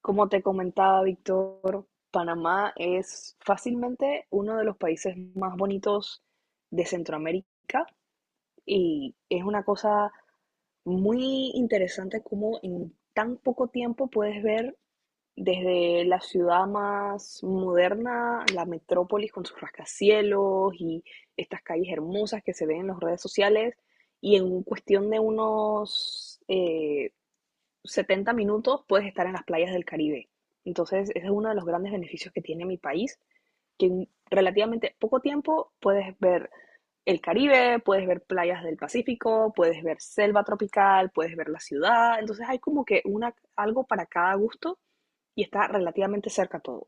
Como te comentaba, Víctor, Panamá es fácilmente uno de los países más bonitos de Centroamérica y es una cosa muy interesante cómo en tan poco tiempo puedes ver desde la ciudad más moderna, la metrópolis con sus rascacielos y estas calles hermosas que se ven en las redes sociales, y en cuestión de unos 70 minutos puedes estar en las playas del Caribe. Entonces, ese es uno de los grandes beneficios que tiene mi país, que en relativamente poco tiempo puedes ver el Caribe, puedes ver playas del Pacífico, puedes ver selva tropical, puedes ver la ciudad. Entonces, hay como que algo para cada gusto y está relativamente cerca todo.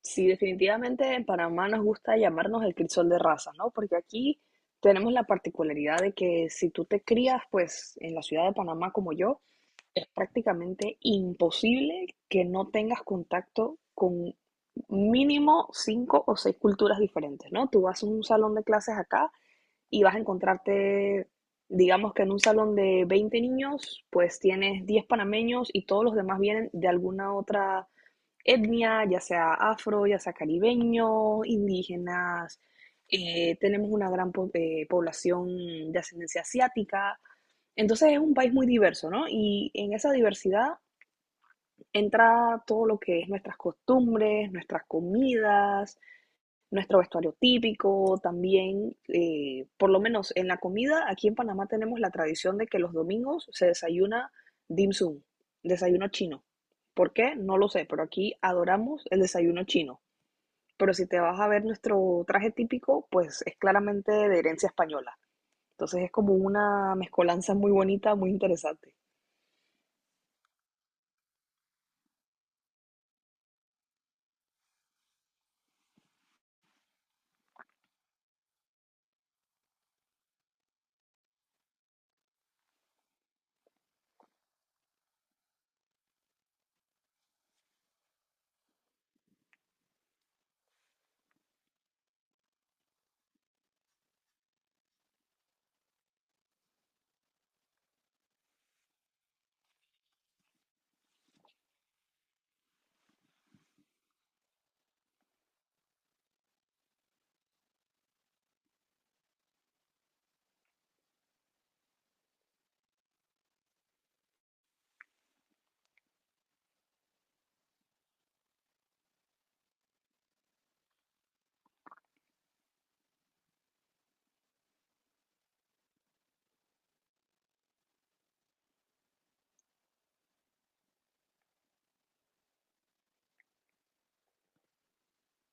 Sí, definitivamente en Panamá nos gusta llamarnos el crisol de razas, ¿no? Porque aquí tenemos la particularidad de que si tú te crías, pues, en la ciudad de Panamá como yo, es prácticamente imposible que no tengas contacto con mínimo cinco o seis culturas diferentes, ¿no? Tú vas a un salón de clases acá y vas a encontrarte, digamos que en un salón de 20 niños, pues tienes 10 panameños y todos los demás vienen de alguna otra etnia, ya sea afro, ya sea caribeño, indígenas. Tenemos una gran población de ascendencia asiática. Entonces es un país muy diverso, ¿no? Y en esa diversidad entra todo lo que es nuestras costumbres, nuestras comidas, nuestro vestuario típico, también, por lo menos en la comida, aquí en Panamá tenemos la tradición de que los domingos se desayuna dim sum, desayuno chino. ¿Por qué? No lo sé, pero aquí adoramos el desayuno chino. Pero si te vas a ver nuestro traje típico, pues es claramente de herencia española. Entonces es como una mezcolanza muy bonita, muy interesante.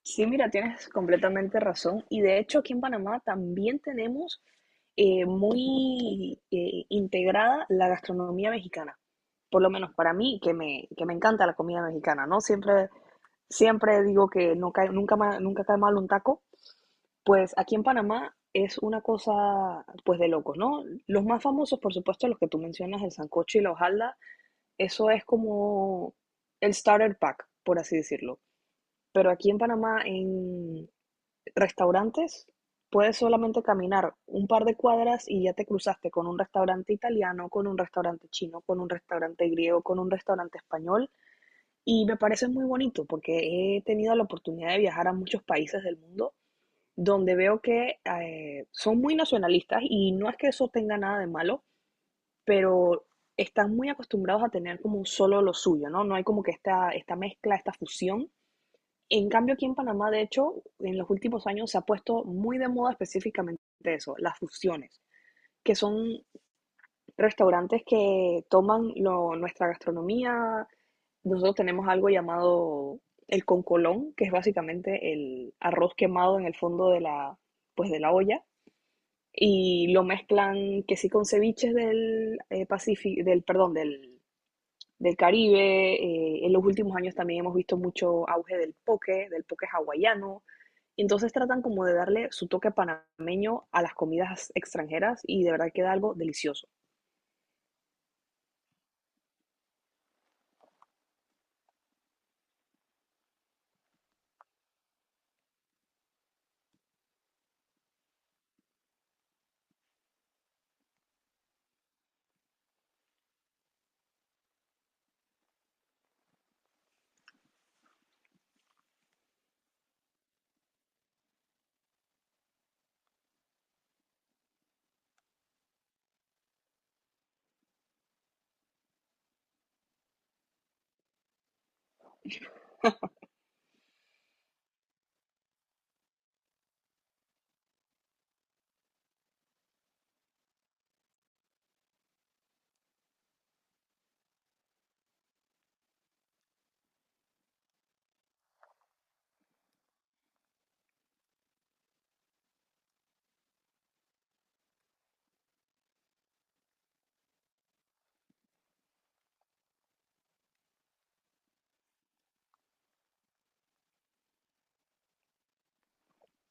Sí, mira, tienes completamente razón. Y de hecho aquí en Panamá también tenemos muy integrada la gastronomía mexicana. Por lo menos para mí, que me encanta la comida mexicana, ¿no? Siempre, siempre digo que no cae, nunca, nunca cae mal un taco. Pues aquí en Panamá es una cosa, pues de locos, ¿no? Los más famosos, por supuesto, los que tú mencionas, el sancocho y la hojalda, eso es como el starter pack, por así decirlo. Pero aquí en Panamá, restaurantes, puedes solamente caminar un par de cuadras y ya te cruzaste con un restaurante italiano, con un restaurante chino, con un restaurante griego, con un restaurante español. Y me parece muy bonito porque he tenido la oportunidad de viajar a muchos países del mundo donde veo que son muy nacionalistas y no es que eso tenga nada de malo, pero están muy acostumbrados a tener como un solo lo suyo, ¿no? No hay como que esta mezcla, esta fusión. En cambio, aquí en Panamá, de hecho, en los últimos años se ha puesto muy de moda específicamente eso, las fusiones, que son restaurantes que toman nuestra gastronomía. Nosotros tenemos algo llamado el concolón, que es básicamente el arroz quemado en el fondo pues de la olla, y lo mezclan que sí con ceviches del Pacífico, del, perdón, del Caribe. En los últimos años también hemos visto mucho auge del poke hawaiano. Y entonces tratan como de darle su toque panameño a las comidas extranjeras y de verdad queda algo delicioso.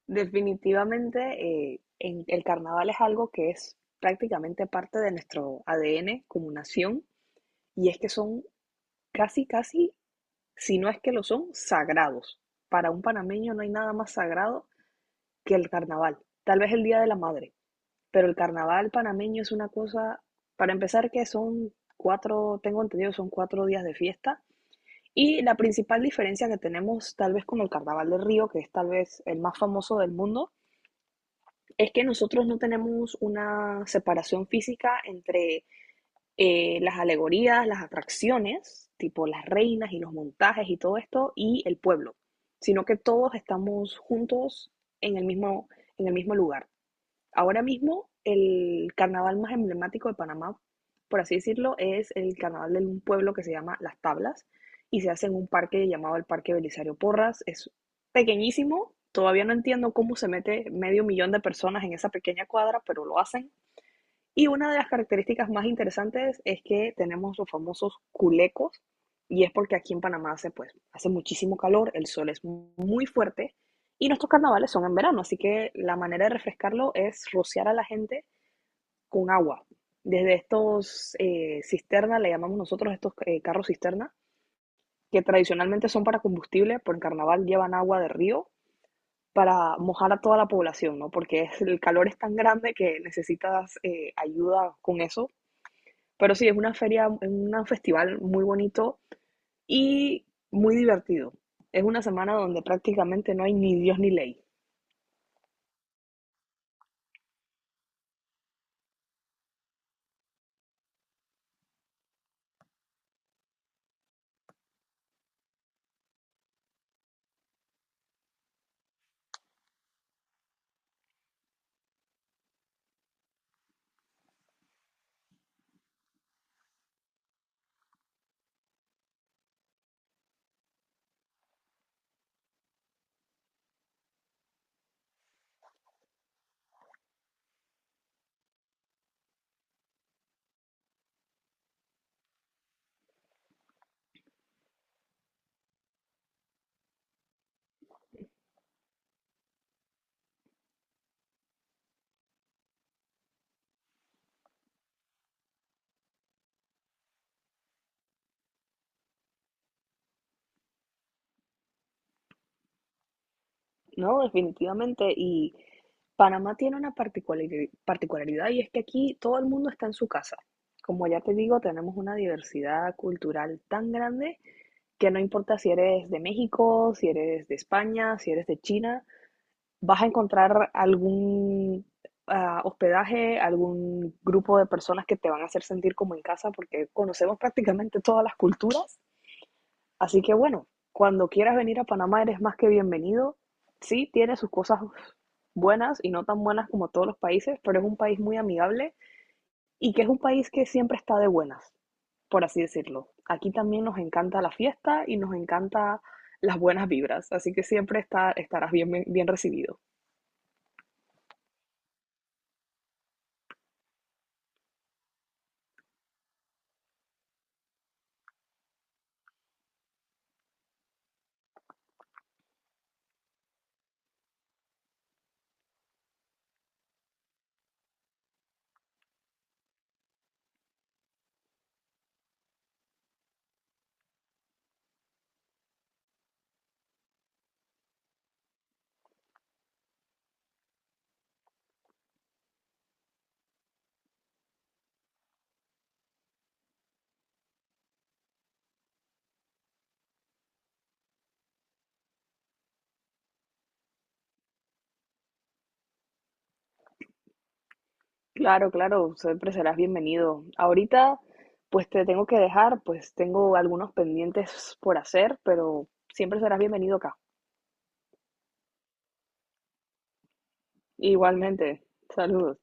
Definitivamente, el carnaval es algo que es prácticamente parte de nuestro ADN como nación y es que son casi, casi, si no es que lo son, sagrados. Para un panameño no hay nada más sagrado que el carnaval. Tal vez el Día de la Madre. Pero el carnaval panameño es una cosa, para empezar, que son cuatro, tengo entendido, son 4 días de fiesta. Y la principal diferencia que tenemos tal vez con el Carnaval de Río, que es tal vez el más famoso del mundo, es que nosotros no tenemos una separación física entre las alegorías, las atracciones, tipo las reinas y los montajes y todo esto, y el pueblo, sino que todos estamos juntos en el mismo, en el mismo lugar. Ahora mismo el carnaval más emblemático de Panamá, por así decirlo, es el carnaval de un pueblo que se llama Las Tablas y se hace en un parque llamado el Parque Belisario Porras. Es pequeñísimo, todavía no entiendo cómo se mete medio millón de personas en esa pequeña cuadra, pero lo hacen. Y una de las características más interesantes es que tenemos los famosos culecos, y es porque aquí en Panamá hace, pues, hace muchísimo calor, el sol es muy fuerte, y nuestros carnavales son en verano, así que la manera de refrescarlo es rociar a la gente con agua. Desde estos cisternas, le llamamos nosotros estos carros cisterna, que tradicionalmente son para combustible, por el carnaval llevan agua de río para mojar a toda la población, ¿no? Porque es, el calor es tan grande que necesitas ayuda con eso. Pero sí, es una feria, es un festival muy bonito y muy divertido. Es una semana donde prácticamente no hay ni Dios ni ley, ¿no? Definitivamente. Y Panamá tiene una particularidad y es que aquí todo el mundo está en su casa. Como ya te digo, tenemos una diversidad cultural tan grande que no importa si eres de México, si eres de España, si eres de China, vas a encontrar algún hospedaje, algún grupo de personas que te van a hacer sentir como en casa porque conocemos prácticamente todas las culturas. Así que bueno, cuando quieras venir a Panamá eres más que bienvenido. Sí, tiene sus cosas buenas y no tan buenas como todos los países, pero es un país muy amigable y que es un país que siempre está de buenas, por así decirlo. Aquí también nos encanta la fiesta y nos encanta las buenas vibras, así que siempre estarás bien, bien recibido. Claro, claro, siempre serás bienvenido. Ahorita, pues te tengo que dejar, pues tengo algunos pendientes por hacer, pero siempre serás bienvenido acá. Igualmente, saludos.